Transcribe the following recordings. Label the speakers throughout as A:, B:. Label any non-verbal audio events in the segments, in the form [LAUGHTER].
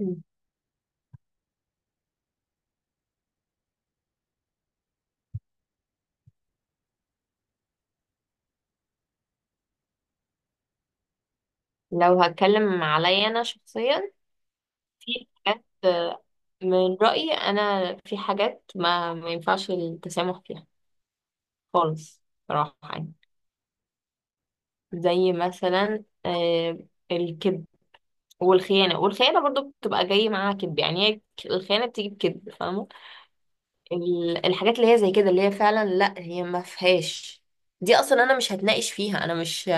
A: مم. لو هتكلم عليا انا شخصيا في حاجات من رأيي انا في حاجات ما ينفعش التسامح فيها خالص، صراحة يعني. زي مثلا الكذب والخيانة. والخيانة برضو بتبقى جاي معاها كذب، يعني هي الخيانة بتيجي بكذب، فاهمة. الحاجات اللي هي زي كده اللي هي فعلا لا هي ما فيهاش. دي اصلا انا مش هتناقش فيها. انا مش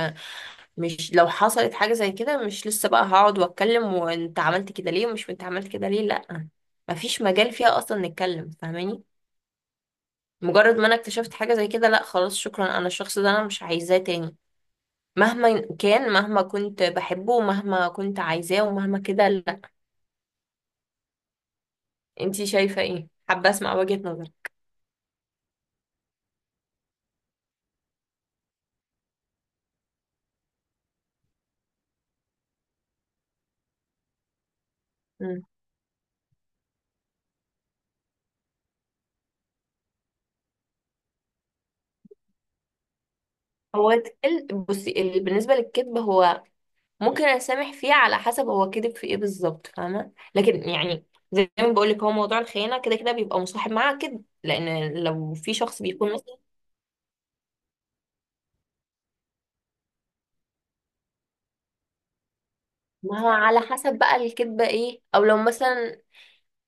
A: مش لو حصلت حاجة زي كده مش لسه بقى هقعد واتكلم وانت عملت كده ليه ومش انت عملت كده ليه، لا. مفيش مجال فيها اصلا نتكلم، فاهماني. مجرد ما انا اكتشفت حاجة زي كده لا خلاص شكرا، انا الشخص ده انا مش عايزاه تاني، مهما كان، مهما كنت بحبه ومهما كنت عايزاه ومهما كده لا. انتي شايفة ايه؟ حابة اسمع وجهة نظرك. مم. هو بصي، بالنسبة للكذب، هو ممكن اسامح فيه على حسب هو كذب في ايه بالظبط، فاهمه. لكن يعني زي ما بقول لك، هو موضوع الخيانه كده كده بيبقى مصاحب معاها كده، لان لو في شخص بيكون مثلا. ما هو على حسب بقى الكذبه ايه، او لو مثلا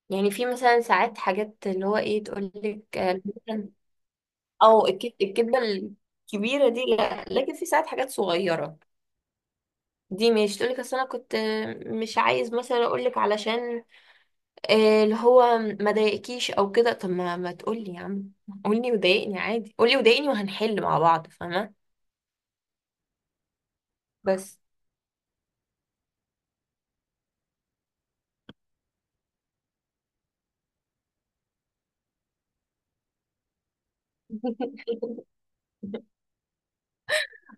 A: يعني في مثلا ساعات حاجات اللي هو ايه تقول لك مثلا، او الكذبه الكبيره دي لا، لكن في ساعات حاجات صغيره دي مش تقول لك اصل انا كنت مش عايز مثلا اقول لك علشان اللي هو ما ضايقكيش او كده. طب ما تقولي يا عم، قولي وضايقني عادي، قولي وضايقني وهنحل مع بعض، فاهمه. بس [LAUGHS]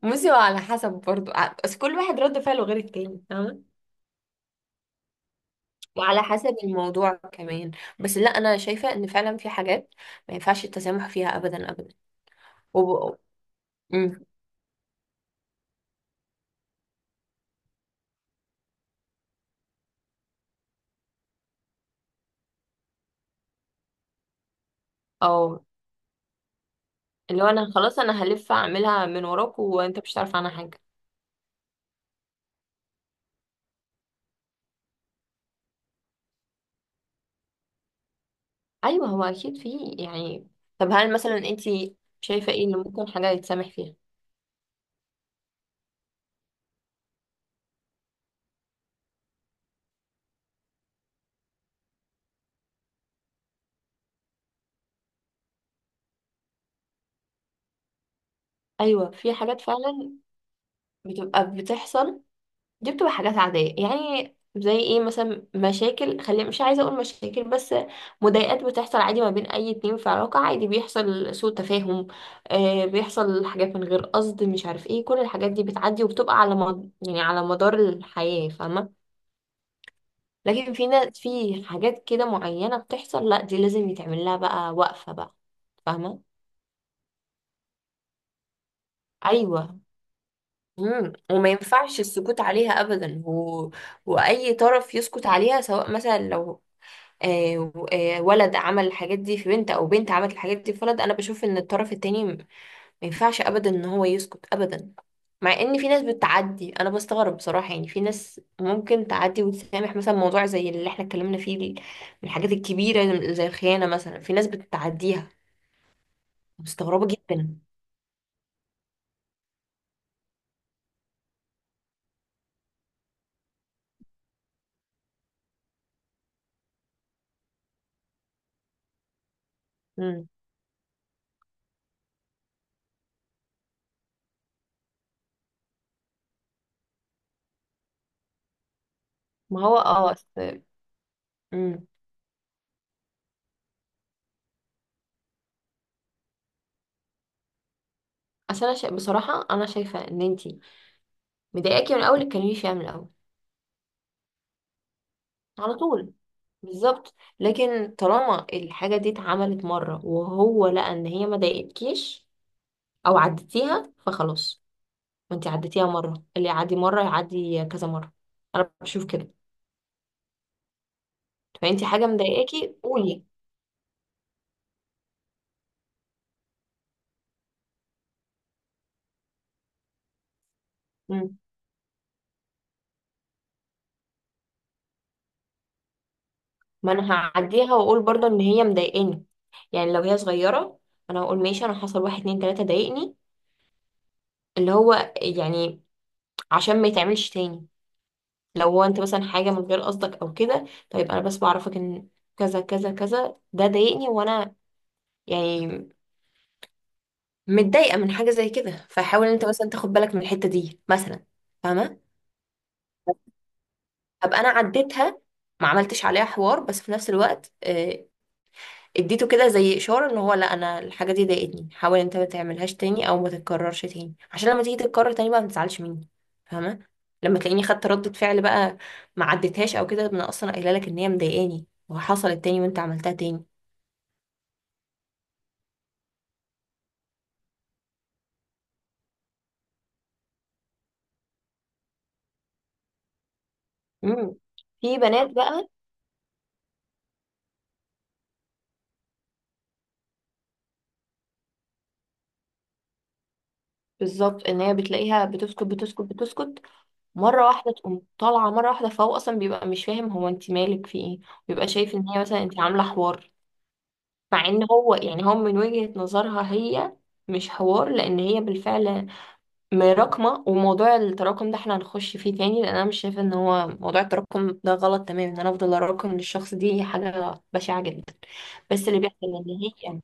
A: بصي، هو على حسب برضو بس كل واحد رد فعله غير التاني، فاهمة. وعلى حسب الموضوع كمان. بس لا، انا شايفة ان فعلا في حاجات ما ينفعش التسامح فيها ابدا ابدا. وب... أمم، او اللي هو انا خلاص انا هلف اعملها من وراك وانت مش هتعرف عنها حاجة. ايوه هو اكيد في، يعني. طب هل مثلا انت شايفة ايه اللي ممكن حاجة يتسامح فيها؟ ايوه في حاجات فعلا بتبقى بتحصل. دي بتبقى حاجات عاديه، يعني زي ايه مثلا؟ مشاكل، خلي مش عايزه اقول مشاكل، بس مضايقات بتحصل عادي ما بين اي اتنين في علاقه، عادي بيحصل سوء تفاهم. آه بيحصل حاجات من غير قصد مش عارف ايه، كل الحاجات دي بتعدي وبتبقى على يعني على مدار الحياه، فاهمه. لكن في ناس، في حاجات كده معينه بتحصل، لا دي لازم يتعمل لها بقى وقفه بقى، فاهمه. ايوه. مم. وما ينفعش السكوت عليها ابدا واي طرف يسكت عليها، سواء مثلا لو آه ولد عمل الحاجات دي في بنت او بنت عملت الحاجات دي في ولد، انا بشوف ان الطرف التاني ما ينفعش ابدا ان هو يسكت ابدا. مع ان في ناس بتعدي، انا بستغرب بصراحة. يعني في ناس ممكن تعدي وتسامح مثلا موضوع زي اللي احنا اتكلمنا فيه من الحاجات الكبيرة زي الخيانة مثلا، في ناس بتعديها. مستغربة جدا. مم. ما هو اه مم. اصل انا بصراحة انا شايفة ان انتي مضايقاكي من الاول اتكلمي فيها من الاول، على طول. بالظبط. لكن طالما الحاجه دي اتعملت مره وهو لقى ان هي ما ضايقتكيش او عديتيها فخلاص، وانت عديتيها مره، اللي يعدي مره يعدي كذا مره، انا بشوف كده. فانت حاجه مضايقاكي قولي. مم. ما انا هعديها واقول برضه ان هي مضايقاني. يعني لو هي صغيره انا هقول ماشي، انا حصل واحد اتنين تلاته ضايقني، اللي هو يعني عشان ما يتعملش تاني. لو هو انت مثلا حاجه من غير قصدك او كده، طيب انا بس بعرفك ان كذا كذا كذا ده ضايقني، وانا يعني متضايقه من حاجه زي كده، فحاول انت مثلا تاخد بالك من الحته دي مثلا، فاهمه. ابقى انا عديتها، ما عملتش عليها حوار، بس في نفس الوقت اديته كده زي اشاره ان هو لا انا الحاجه دي ضايقتني، حاول انت ما تعملهاش تاني او ما تتكررش تاني، عشان لما تيجي تتكرر تاني بقى ما تزعلش مني، فاهمه. لما تلاقيني خدت ردة فعل بقى، ما عدتهاش او كده، انا اصلا قايله لك ان هي مضايقاني وحصلت تاني وانت عملتها تاني. امم. في بنات بقى بالظبط ان هي بتلاقيها بتسكت بتسكت بتسكت، مره واحده تقوم طالعه مره واحده، فهو اصلا بيبقى مش فاهم هو انت مالك، في ايه؟ بيبقى شايف ان هي مثلا انت عامله حوار، مع ان هو يعني هو من وجهة نظرها هي مش حوار، لان هي بالفعل مراكمة. وموضوع التراكم ده احنا هنخش فيه تاني، لان انا مش شايفة ان هو موضوع التراكم ده غلط تماما، ان انا افضل اراكم للشخص دي حاجة بشعة جدا. بس اللي بيحصل ان هي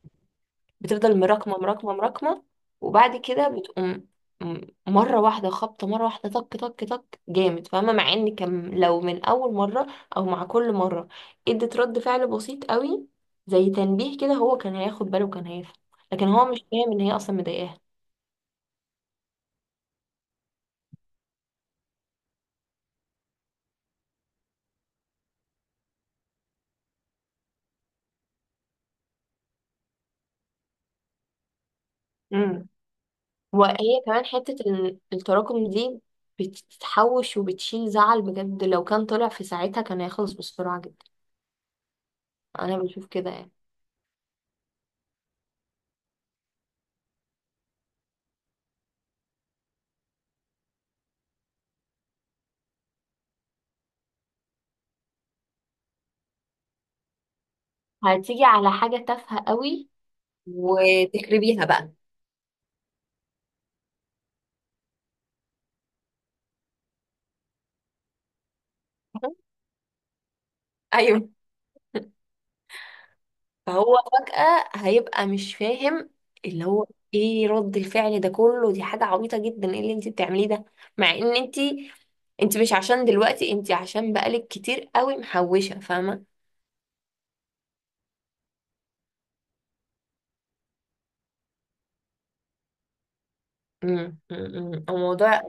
A: بتفضل مراكمة مراكمة مراكمة، وبعد كده بتقوم م- مرة واحدة خبطة، مرة واحدة طك طك طك جامد، فاهمة. مع ان كان لو من أول مرة أو مع كل مرة ادت رد فعل بسيط قوي زي تنبيه كده، هو كان هياخد باله وكان هيفهم. لكن هو مش فاهم ان هي اصلا مضايقاها. امم. وهي كمان حتة التراكم دي بتتحوش وبتشيل زعل، بجد لو كان طلع في ساعتها كان هيخلص بسرعة جدا. أنا بشوف كده يعني. هتيجي على حاجة تافهة قوي وتخربيها بقى. ايوه فهو فجأة هيبقى مش فاهم، اللي هو ايه رد الفعل ده كله؟ دي حاجة عبيطة جدا، ايه اللي انت بتعمليه ده؟ مع ان انت مش عشان دلوقتي، انت عشان بقالك كتير قوي محوشة، فاهمة. امم. أمم. الموضوع،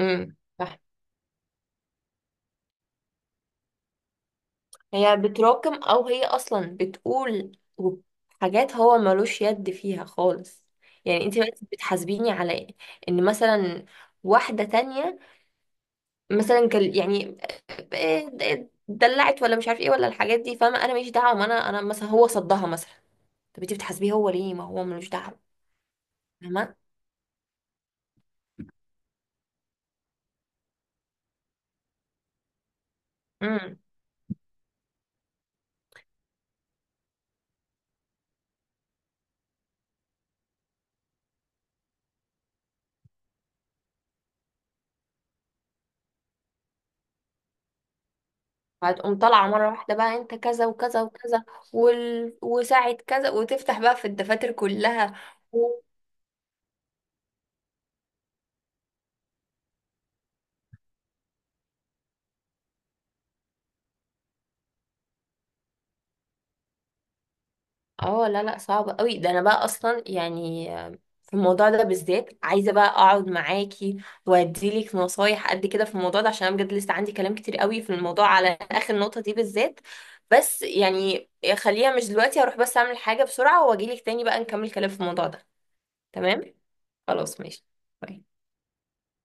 A: صح. هي بتراكم، او هي اصلا بتقول حاجات هو ملوش يد فيها خالص. يعني انت بقيتي بتحاسبيني على ان مثلا واحدة تانية مثلا كان يعني دلعت ولا مش عارف ايه ولا الحاجات دي، فاهمه. انا ماليش دعوه، ما انا انا مثلا هو صدها مثلا، طب انت بتحاسبيه هو ليه؟ ما هو ملوش دعوه، فاهمه. امم. هتقوم طالعه مره واحده بقى انت كذا وكذا وكذا وساعه كذا، وتفتح بقى في الدفاتر كلها. اه لا لا صعب قوي ده. انا بقى اصلا يعني في الموضوع ده بالذات عايزه بقى اقعد معاكي واديلك نصايح قد كده في الموضوع ده، عشان انا بجد لسه عندي كلام كتير قوي في الموضوع على اخر نقطه دي بالذات. بس يعني خليها مش دلوقتي، هروح بس اعمل حاجه بسرعه واجيلك تاني بقى نكمل كلام في الموضوع ده. تمام. خلاص ماشي. باي.